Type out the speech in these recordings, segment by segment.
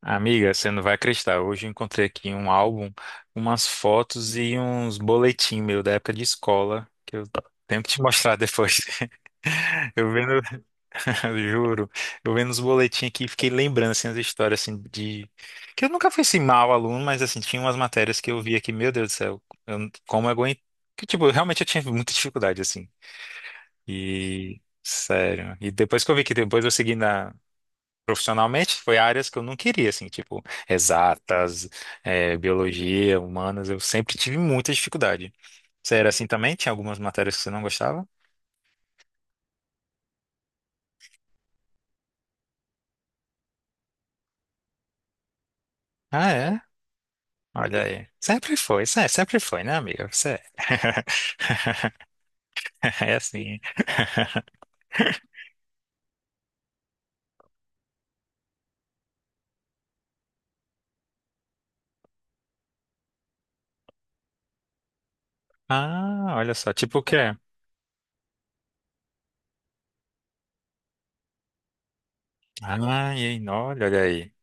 Amiga, você não vai acreditar. Hoje eu encontrei aqui um álbum, umas fotos e uns boletim meu da época de escola, que eu tenho que te mostrar depois. Eu vendo, juro, eu vendo os boletins aqui, fiquei lembrando assim as histórias assim de que eu nunca fui assim mau aluno, mas assim tinha umas matérias que eu via que, meu Deus do céu, como eu aguento, que tipo, realmente eu tinha muita dificuldade assim. E sério. E depois que eu vi que depois eu segui na Profissionalmente, foi áreas que eu não queria, assim, tipo, exatas, biologia, humanas, eu sempre tive muita dificuldade. Você era assim também? Tinha algumas matérias que você não gostava? Ah, é? Olha aí. Sempre foi, sempre foi, né, amiga? Você é assim. Ah, olha só, tipo o quê? Ai, hein, olha, olha aí.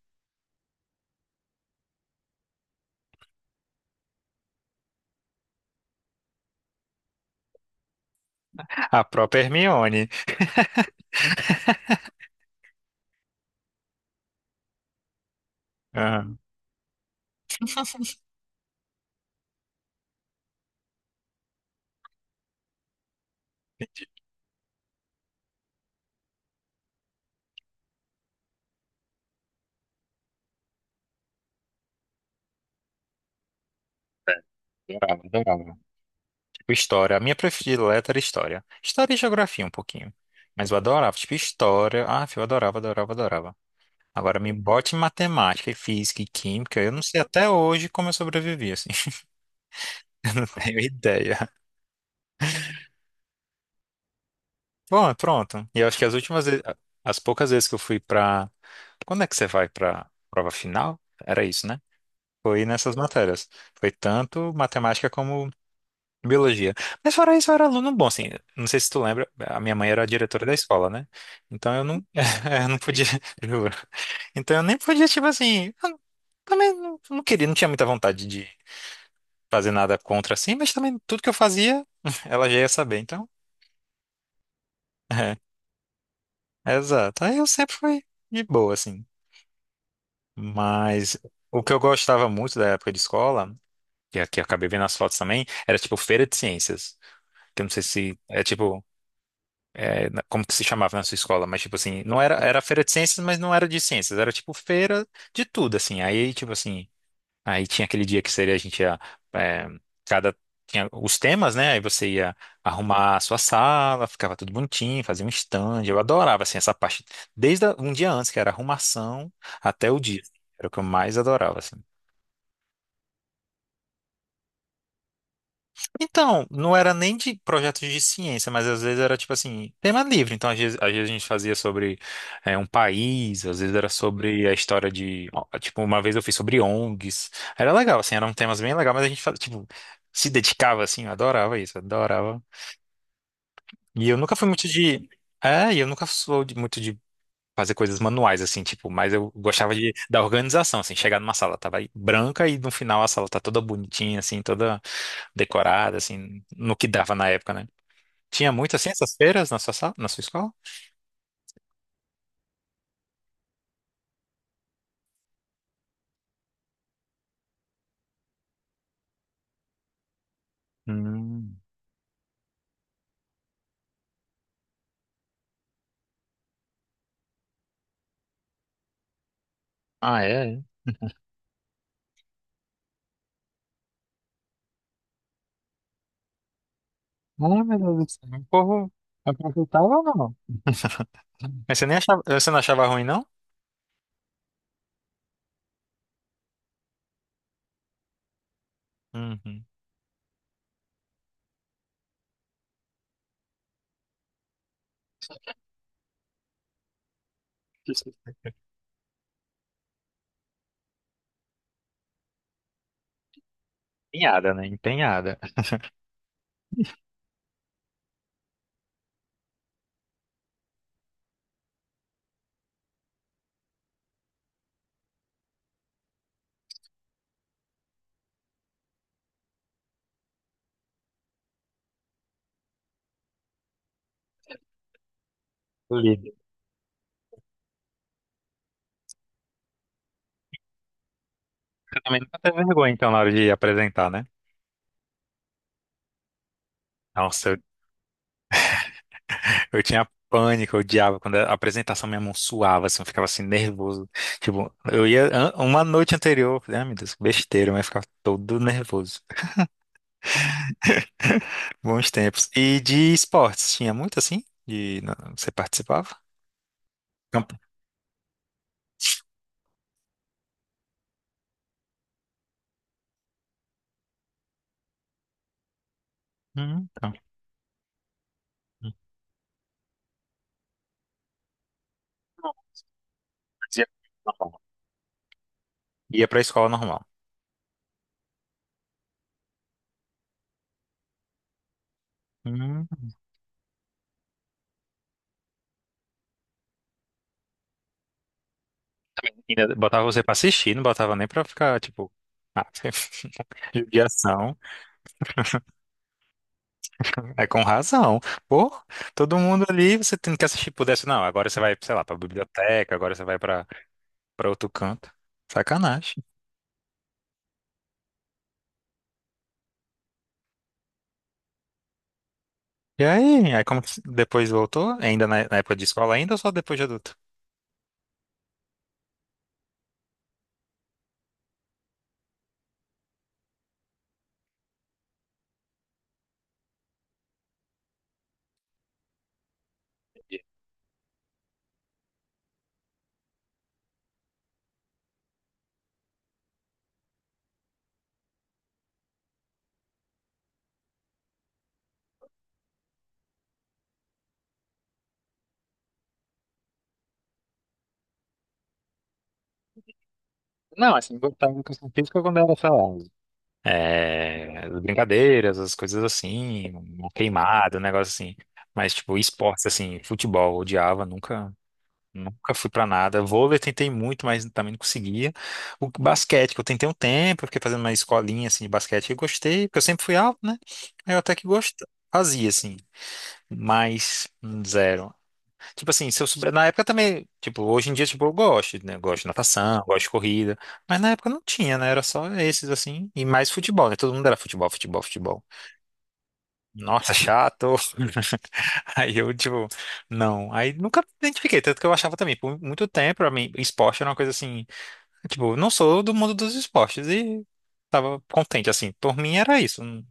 A própria Hermione. Ah, adorava, adorava. História. A minha predileta era história. História e geografia um pouquinho. Mas eu adorava, tipo, história. Ah, eu adorava, adorava, adorava. Agora me bote em matemática, e física e química. Eu não sei até hoje como eu sobrevivi, assim. Eu não tenho ideia. Bom, pronto. E eu acho que as poucas vezes que eu fui pra. Quando é que você vai pra prova final? Era isso, né? Foi nessas matérias. Foi tanto matemática como Biologia. Mas fora isso, eu era aluno bom, assim. Não sei se tu lembra, a minha mãe era a diretora da escola, né? Então eu não, eu não podia, juro. Então eu nem podia, tipo assim, eu também não, não queria, não tinha muita vontade de fazer nada contra assim, mas também tudo que eu fazia, ela já ia saber, então. É, exato. Aí eu sempre fui de boa, assim. Mas o que eu gostava muito da época de escola, que aqui eu acabei vendo as fotos também, era tipo feira de ciências. Que eu não sei se é tipo. É, como que se chamava na sua escola, mas tipo assim, não era, era feira de ciências, mas não era de ciências, era tipo feira de tudo, assim. Aí, tipo assim, aí tinha aquele dia que seria a gente ia, é, cada, tinha os temas, né? Aí você ia arrumar a sua sala, ficava tudo bonitinho, fazia um stand. Eu adorava, assim, essa parte, desde um dia antes, que era arrumação, até o dia. Era o que eu mais adorava, assim. Então, não era nem de projetos de ciência, mas às vezes era tipo assim, tema livre. Então, às vezes a gente fazia sobre é, um país, às vezes era sobre a história de. Ó, tipo, uma vez eu fiz sobre ONGs. Era legal, assim, eram temas bem legais, mas a gente fazia, tipo, se dedicava, assim, eu adorava isso, adorava. E eu nunca fui muito de. É, e eu nunca sou muito de fazer coisas manuais, assim, tipo, mas eu gostava de, da organização, assim, chegar numa sala, tava aí branca e no final a sala tá toda bonitinha, assim, toda decorada, assim, no que dava na época, né? Tinha muito assim essas feiras na sua sala, na sua escola? Hum. Ah, é? É. Ah, meu Deus do céu. O povo aproveitava ou não? Mas você nem achava, você não achava ruim, não? Uhum. Empenhada, né? Empenhada. Líder. Você também nunca teve vergonha, então, na hora de apresentar, né? Nossa, eu tinha pânico, eu odiava quando a apresentação minha mão suava, assim, eu ficava assim, nervoso. Tipo, eu ia uma noite anterior, eu falei, ah, meu Deus, que besteira, mas eu ficava todo nervoso. Bons tempos. E de esportes, tinha muito assim? Você participava? Campo. Tá. Hum. Fazia normal. Ia pra escola normal. Hum. Ainda botava você pra assistir, não botava nem pra ficar, tipo, ah, judiação. É com razão. Pô, todo mundo ali, você tem que assistir, pudesse, não. Agora você vai, sei lá, pra biblioteca, agora você vai pra, outro canto. Sacanagem. E aí como que depois voltou? Ainda na época de escola ainda ou só depois de adulto? Não, assim, gostava de educação física quando era, sei lá, é, as brincadeiras, as coisas assim, uma queimada, um negócio assim. Mas, tipo, esportes, assim, futebol, odiava, nunca fui pra nada. Vôlei tentei muito, mas também não conseguia. O basquete, que eu tentei um tempo, eu fiquei fazendo uma escolinha, assim, de basquete, eu gostei, porque eu sempre fui alto, né? Aí eu até que gostava, fazia, assim, mas zero. Tipo assim, se eu souber, na época também, tipo, hoje em dia, tipo, eu gosto, né? Eu gosto de natação, gosto de corrida, mas na época não tinha, né? Era só esses, assim, e mais futebol, né? Todo mundo era futebol, futebol, futebol. Nossa, chato! Aí eu, tipo, não. Aí nunca me identifiquei, tanto que eu achava também, por muito tempo, pra mim, esporte era uma coisa assim, tipo, não sou do mundo dos esportes, e tava contente, assim, por mim era isso, não,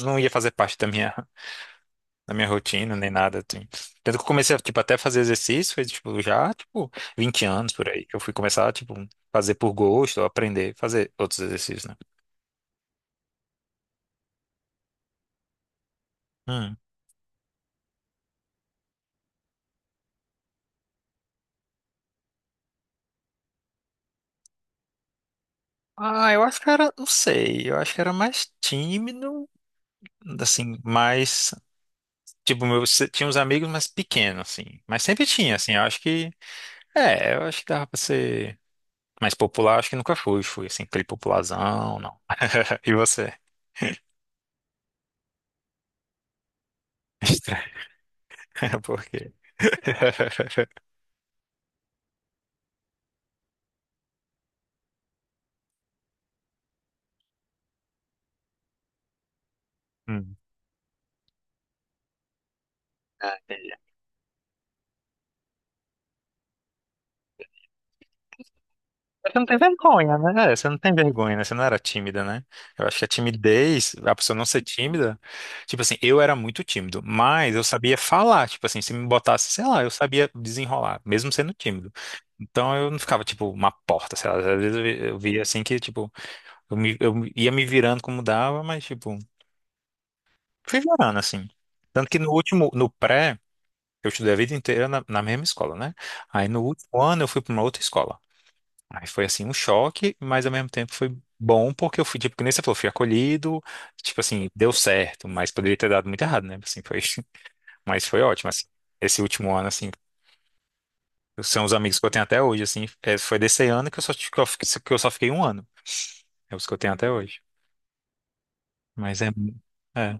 não ia fazer parte da minha na minha rotina, nem nada, assim. Tanto que eu comecei a, tipo, até fazer exercício, foi, tipo, já, tipo, 20 anos por aí, que eu fui começar, tipo, fazer por gosto, ou aprender, a fazer outros exercícios, né? Hum. Ah, eu acho que era, não sei, eu acho que era mais tímido, assim, mais, tipo, meu, tinha uns amigos mais pequenos, assim, mas sempre tinha, assim, eu acho que, é, eu acho que dava pra ser mais popular, acho que nunca fui, assim, aquele popularzão, não. E você? Estranho, por quê? Hum. Você não tem vergonha, né? É, você não tem vergonha, né? Você não era tímida, né? Eu acho que a timidez, a pessoa não ser tímida, tipo assim, eu era muito tímido, mas eu sabia falar, tipo assim, se me botasse, sei lá, eu sabia desenrolar, mesmo sendo tímido. Então eu não ficava, tipo, uma porta, sei lá, às vezes eu via assim que, tipo, eu ia me virando como dava, mas, tipo, fui virando, assim. Tanto que no pré, eu estudei a vida inteira na mesma escola, né? Aí no último ano eu fui para uma outra escola. Aí foi assim um choque, mas ao mesmo tempo foi bom porque eu fui, tipo, que nem você falou, fui acolhido, tipo assim, deu certo, mas poderia ter dado muito errado, né? Assim, foi, mas foi ótimo, assim. Esse último ano, assim, são os amigos que eu tenho até hoje, assim, é, foi desse ano que eu só fiquei um ano, é os que eu tenho até hoje. Mas é,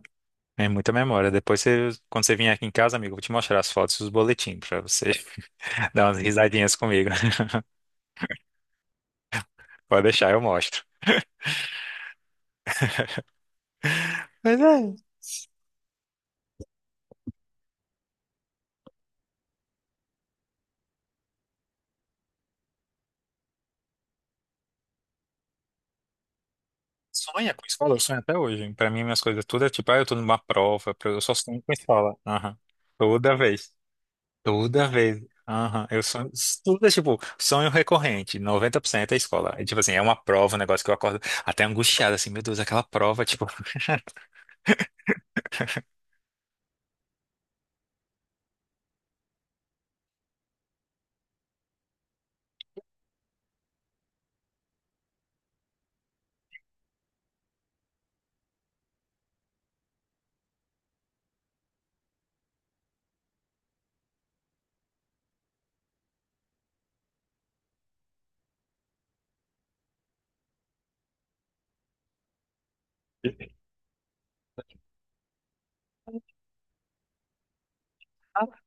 é muita memória. Depois, quando você vier aqui em casa, amigo, eu vou te mostrar as fotos e os boletins pra você dar umas risadinhas comigo. Pode deixar, eu mostro. mas é Sonha com escola, eu sonho até hoje. Pra mim, minhas coisas tudo é tipo, ah, eu tô numa prova, eu só sonho com escola. Aham. Toda vez. Toda vez. Aham. Eu sonho. Tudo é tipo, sonho recorrente. 90% é escola. É, tipo assim, é uma prova, um negócio que eu acordo até angustiado, assim, meu Deus, aquela prova, tipo. Ah,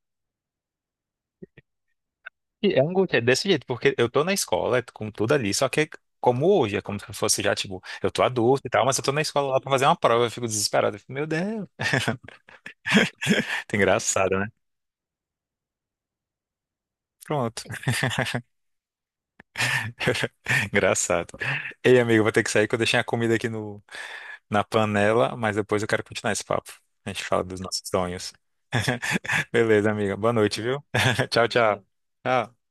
e é angústia, é desse jeito, porque eu tô na escola, com tudo ali, só que é como hoje, é como se eu fosse já, tipo, eu tô adulto e tal, mas eu tô na escola lá pra fazer uma prova, eu fico desesperado. Eu fico, meu Deus. Engraçado, né? Pronto. Engraçado. Ei, amigo, vou ter que sair que eu deixei a comida aqui no, na panela, mas depois eu quero continuar esse papo. A gente fala dos nossos sonhos. Beleza, amiga. Boa noite, viu? Tchau, tchau. Tchau.